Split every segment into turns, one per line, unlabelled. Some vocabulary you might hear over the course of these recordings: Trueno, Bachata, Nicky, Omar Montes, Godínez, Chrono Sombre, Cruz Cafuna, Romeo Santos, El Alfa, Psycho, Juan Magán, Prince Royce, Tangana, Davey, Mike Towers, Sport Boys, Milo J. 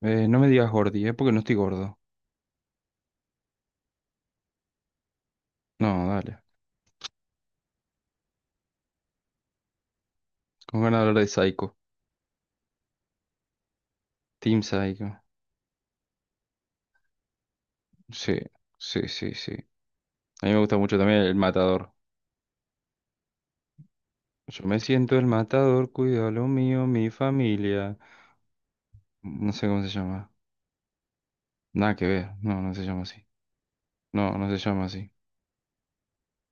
No me digas gordi, ¿eh? Porque no estoy gordo. No, dale. Con ganas de hablar de Psycho. Team Psycho. Sí, sí, sí, sí. A mí me gusta mucho también el matador. Yo me siento el matador, cuido lo mío, mi familia. No sé cómo se llama. Nada que ver. No, no se llama así. No, no se llama así.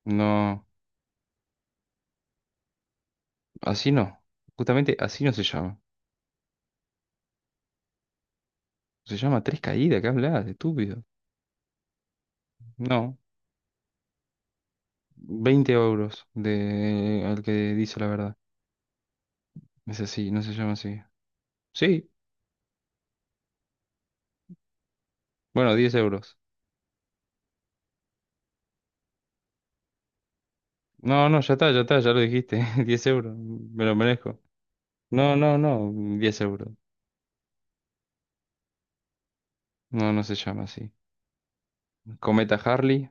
No, así no. Justamente así no se llama. Se llama Tres Caídas, ¿qué hablas? Estúpido. No, 20 euros de al que dice la verdad. Es así, no se llama así. Sí, bueno, 10 euros. No, no, ya está, ya está, ya lo dijiste. 10 euros, me lo merezco. No, no, no, 10 euros. No, no se llama así. Cometa Harley,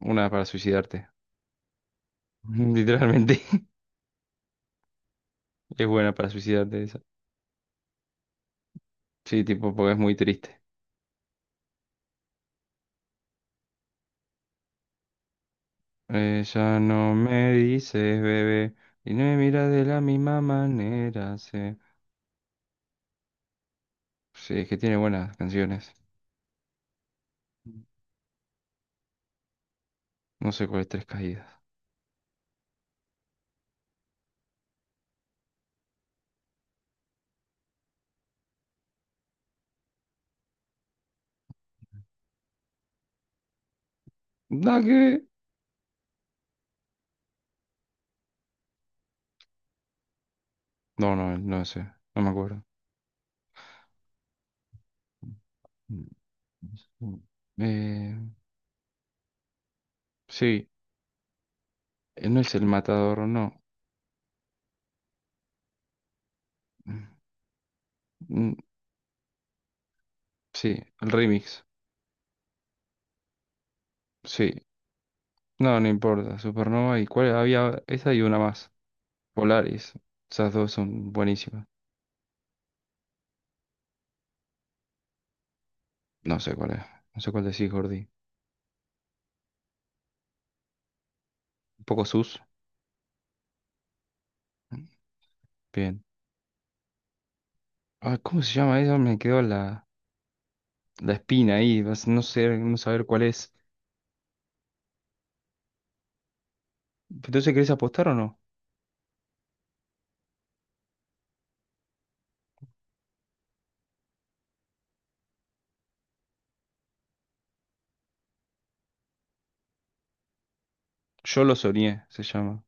una para suicidarte. Literalmente, es buena para suicidarte esa. Sí, tipo, porque es muy triste. Ella no me dice, bebé, y no me mira de la misma manera. Sí, es que tiene buenas canciones. No sé cuál es Tres Caídas. ¿Da qué? No, no, no sé, no me acuerdo. Eh, sí. No es el matador, no. Mm, mm, sí, el remix. Sí. No, no importa. Supernova y cuál había. Esa y una más. Polaris. Esas dos son buenísimas. No sé cuál es. No sé cuál decís, Gordy. Un poco sus. Bien. Ah, ¿cómo se llama eso? Me quedó la espina ahí. No sé, no saber cuál es. Entonces, ¿querés apostar o no? Yo lo soñé, se llama.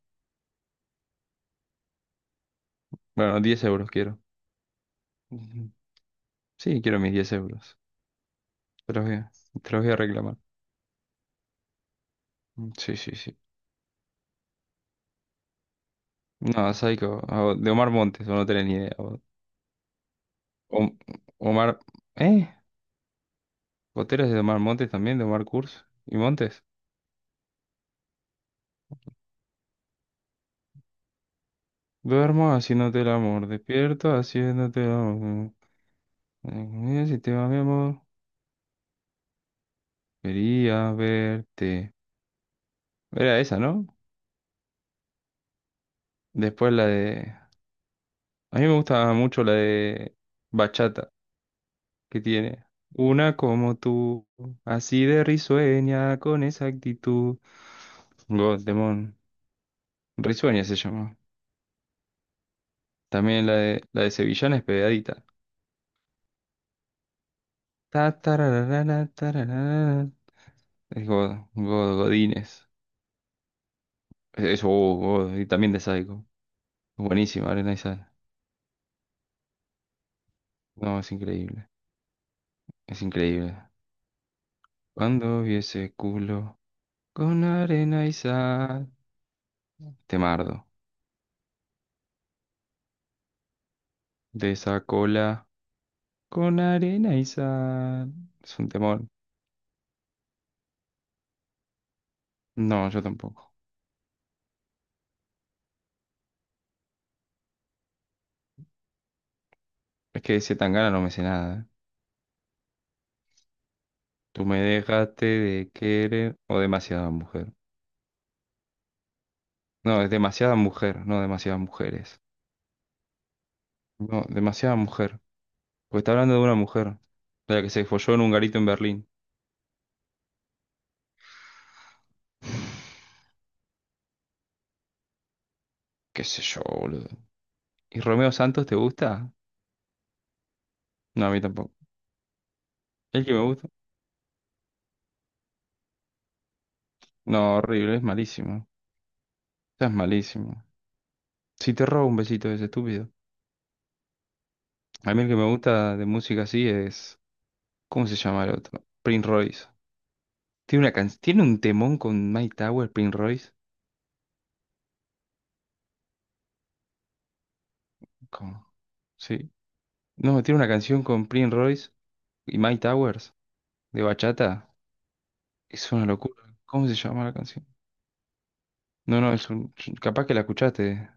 Bueno, 10 euros quiero. Ujú. Sí, quiero mis 10 euros. Te los voy a, te los voy a reclamar. Mm, sí, sí, sí. No, Psycho, o de Omar Montes, o no tenés ni idea. Om- Omar, ¿eh? Otero de Omar Montes también, de Omar Kurz y Montes. Duermo haciéndote el amor, despierto haciéndote el amor. Si te va mi amor, quería verte. Era esa, ¿no? Después la de. A mí me gusta mucho la de Bachata, que tiene. Una como tú, así de risueña, con esa actitud. God, Demon. Risueña se llama. También la de Sevillana es pegadita. Ta, tararara, tararara. Es God, Godínez. Eso, oh, God, y también de Psycho. Buenísima, Arena y Sal. No, es increíble. Es increíble. Cuando vi ese culo con arena y sal. Temardo. De esa cola con arena y sal. Es un temor. No, yo tampoco. Es que de ese Tangana no me sé nada. ¿Eh? Tú me dejaste de querer o demasiada mujer. No, es demasiada mujer, no demasiadas mujeres. No, demasiada mujer. Porque está hablando de una mujer, la que se folló en un garito en Berlín. Qué sé yo, boludo. ¿Y Romeo Santos te gusta? No, a mí tampoco. ¿El que me gusta? No, horrible, es malísimo. Ya es malísimo. Si te robo un besito es estúpido. A mí el que me gusta de música así es. ¿Cómo se llama el otro? Prince Royce. ¿Tiene un temón con Mike Towers, Prince Royce? ¿Cómo? Sí. No, tiene una canción con Prince Royce y Mike Towers. De bachata. Es una locura. ¿Cómo se llama la canción? No, no, es un. Capaz que la escuchaste,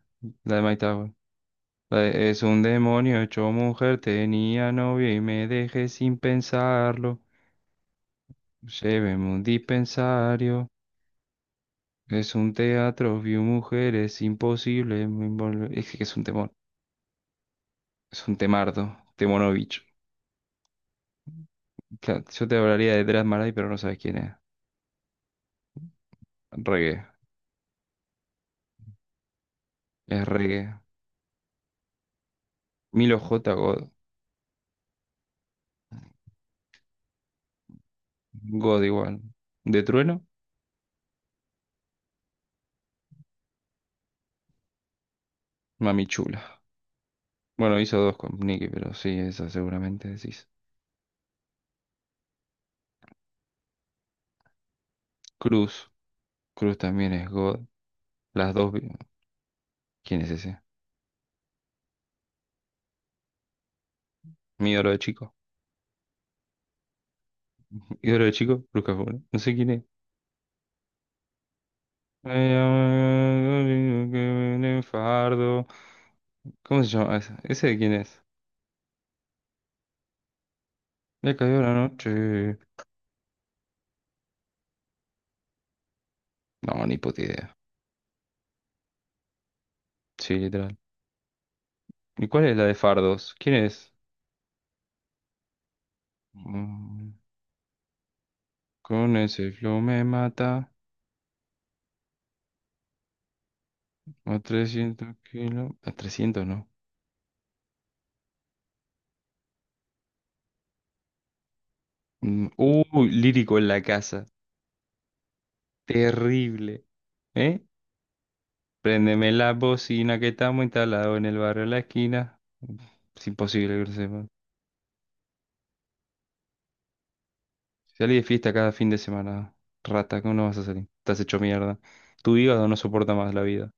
la de Mike Tower. La de, es un demonio hecho mujer, tenía novia y me dejé sin pensarlo. Lléveme a un dispensario. Es un teatro, vi mujeres, imposible. Es que es un temor. Es un temardo. Temonovich. Claro, yo te hablaría de Drat Marai, pero no sabes quién es. Reggae. Es reggae. Milo J. God. God igual. ¿De Trueno? Mami chula. Bueno, hizo dos con Nicky, pero sí, esa seguramente decís. Cruz, Cruz también es God. Las dos, ¿quién es ese? Mi oro de chico. Mi oro de chico, Cruz Cafuna. No sé quién es. Fardo. ¿Cómo se llama ese? ¿Ese de quién es? Me cayó la noche. No, ni puta idea. Sí, literal. ¿Y cuál es la de Fardos? ¿Quién es? Mm, Con ese flow me mata. A 300 kilos. A 300 no. Uy, lírico en la casa. Terrible. ¿Eh? Préndeme la bocina que estamos instalados en el barrio de la esquina. Es imposible que lo sepas. Salí de fiesta cada fin de semana. Rata, ¿cómo no vas a salir? Estás hecho mierda. Tu hígado no soporta más la vida.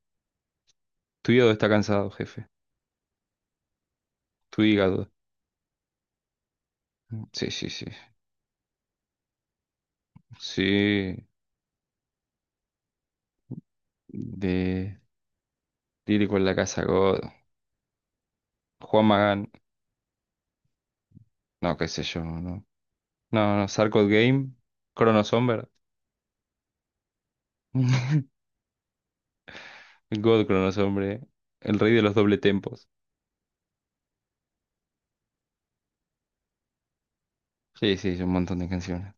Tu hígado está cansado, jefe. Tu hígado. Sí, sí, sí. Sí. De Lírico en la Casa, God. Juan Magán. No, qué sé yo, no. No, no. Sarcod Game. Chrono Somber. God Chrono Sombre. El rey de los doble tempos. Sí, sí, un montón de canciones.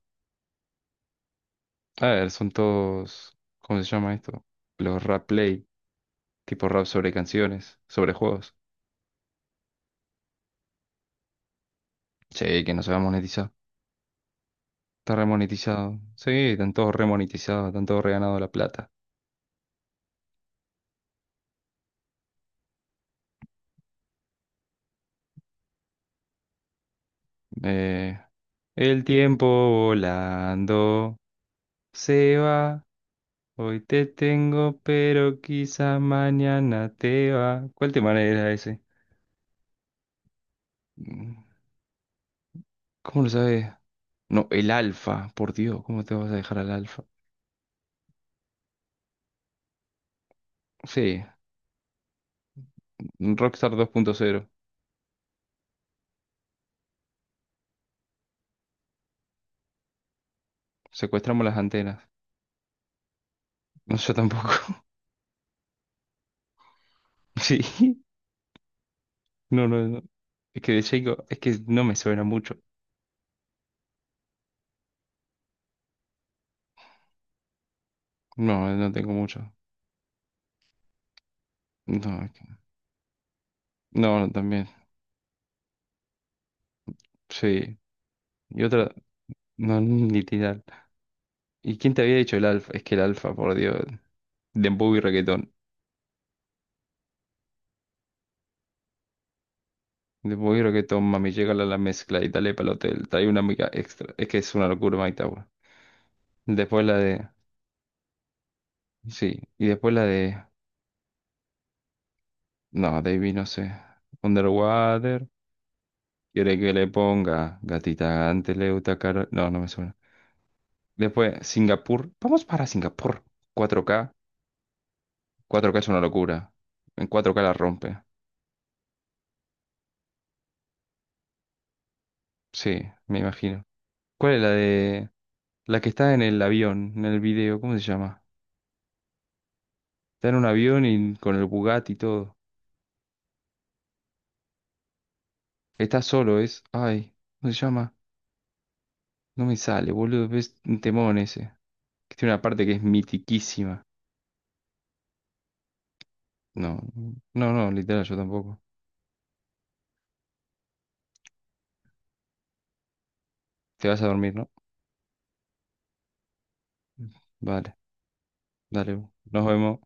A ver, son todos, ¿cómo se llama esto? Los rap play, tipo rap sobre canciones, sobre juegos. Sí, que no se va a monetizar. Está remonetizado. Sí, están todos remonetizados, están todos reganado la plata. Eh, el tiempo volando se va. Hoy te tengo, pero quizá mañana te va. ¿Cuál tema era ese? Mm, ¿Cómo lo sabes? No, el alfa, por Dios, ¿cómo te vas a dejar al alfa? Sí. Un Rockstar 2.0. Secuestramos las antenas. No, yo tampoco. Sí, no, no, no. Es que de Jacob, es que no me suena mucho. No, no tengo mucho. No, no, no, también. Sí. Y otra, no, literal. ¿Y quién te había dicho el alfa? Es que el alfa, por Dios. Dembow y reggaetón. Dembow y reggaetón, mami, llega a la mezcla y dale para el hotel. Trae una mica extra. Es que es una locura, Mike Tower. Después la de. Sí. Y después la de. No, Davey, no sé. Underwater. ¿Quiere que le ponga gatita anteleuta caro? No, no me suena. Después, Singapur. Vamos para Singapur. cuatro k cuatro k es una locura. En 4K la rompe. Sí, me imagino. ¿Cuál es la de? La que está en el avión, en el video, ¿cómo se llama? Está en un avión y con el Bugatti y todo. Está solo, es. Ay, ¿cómo se llama? No me sale, boludo. Es un temón ese. Que tiene una parte que es mitiquísima. No, no, no, literal, yo tampoco. Te vas a dormir, ¿no? Vale. Dale, nos vemos.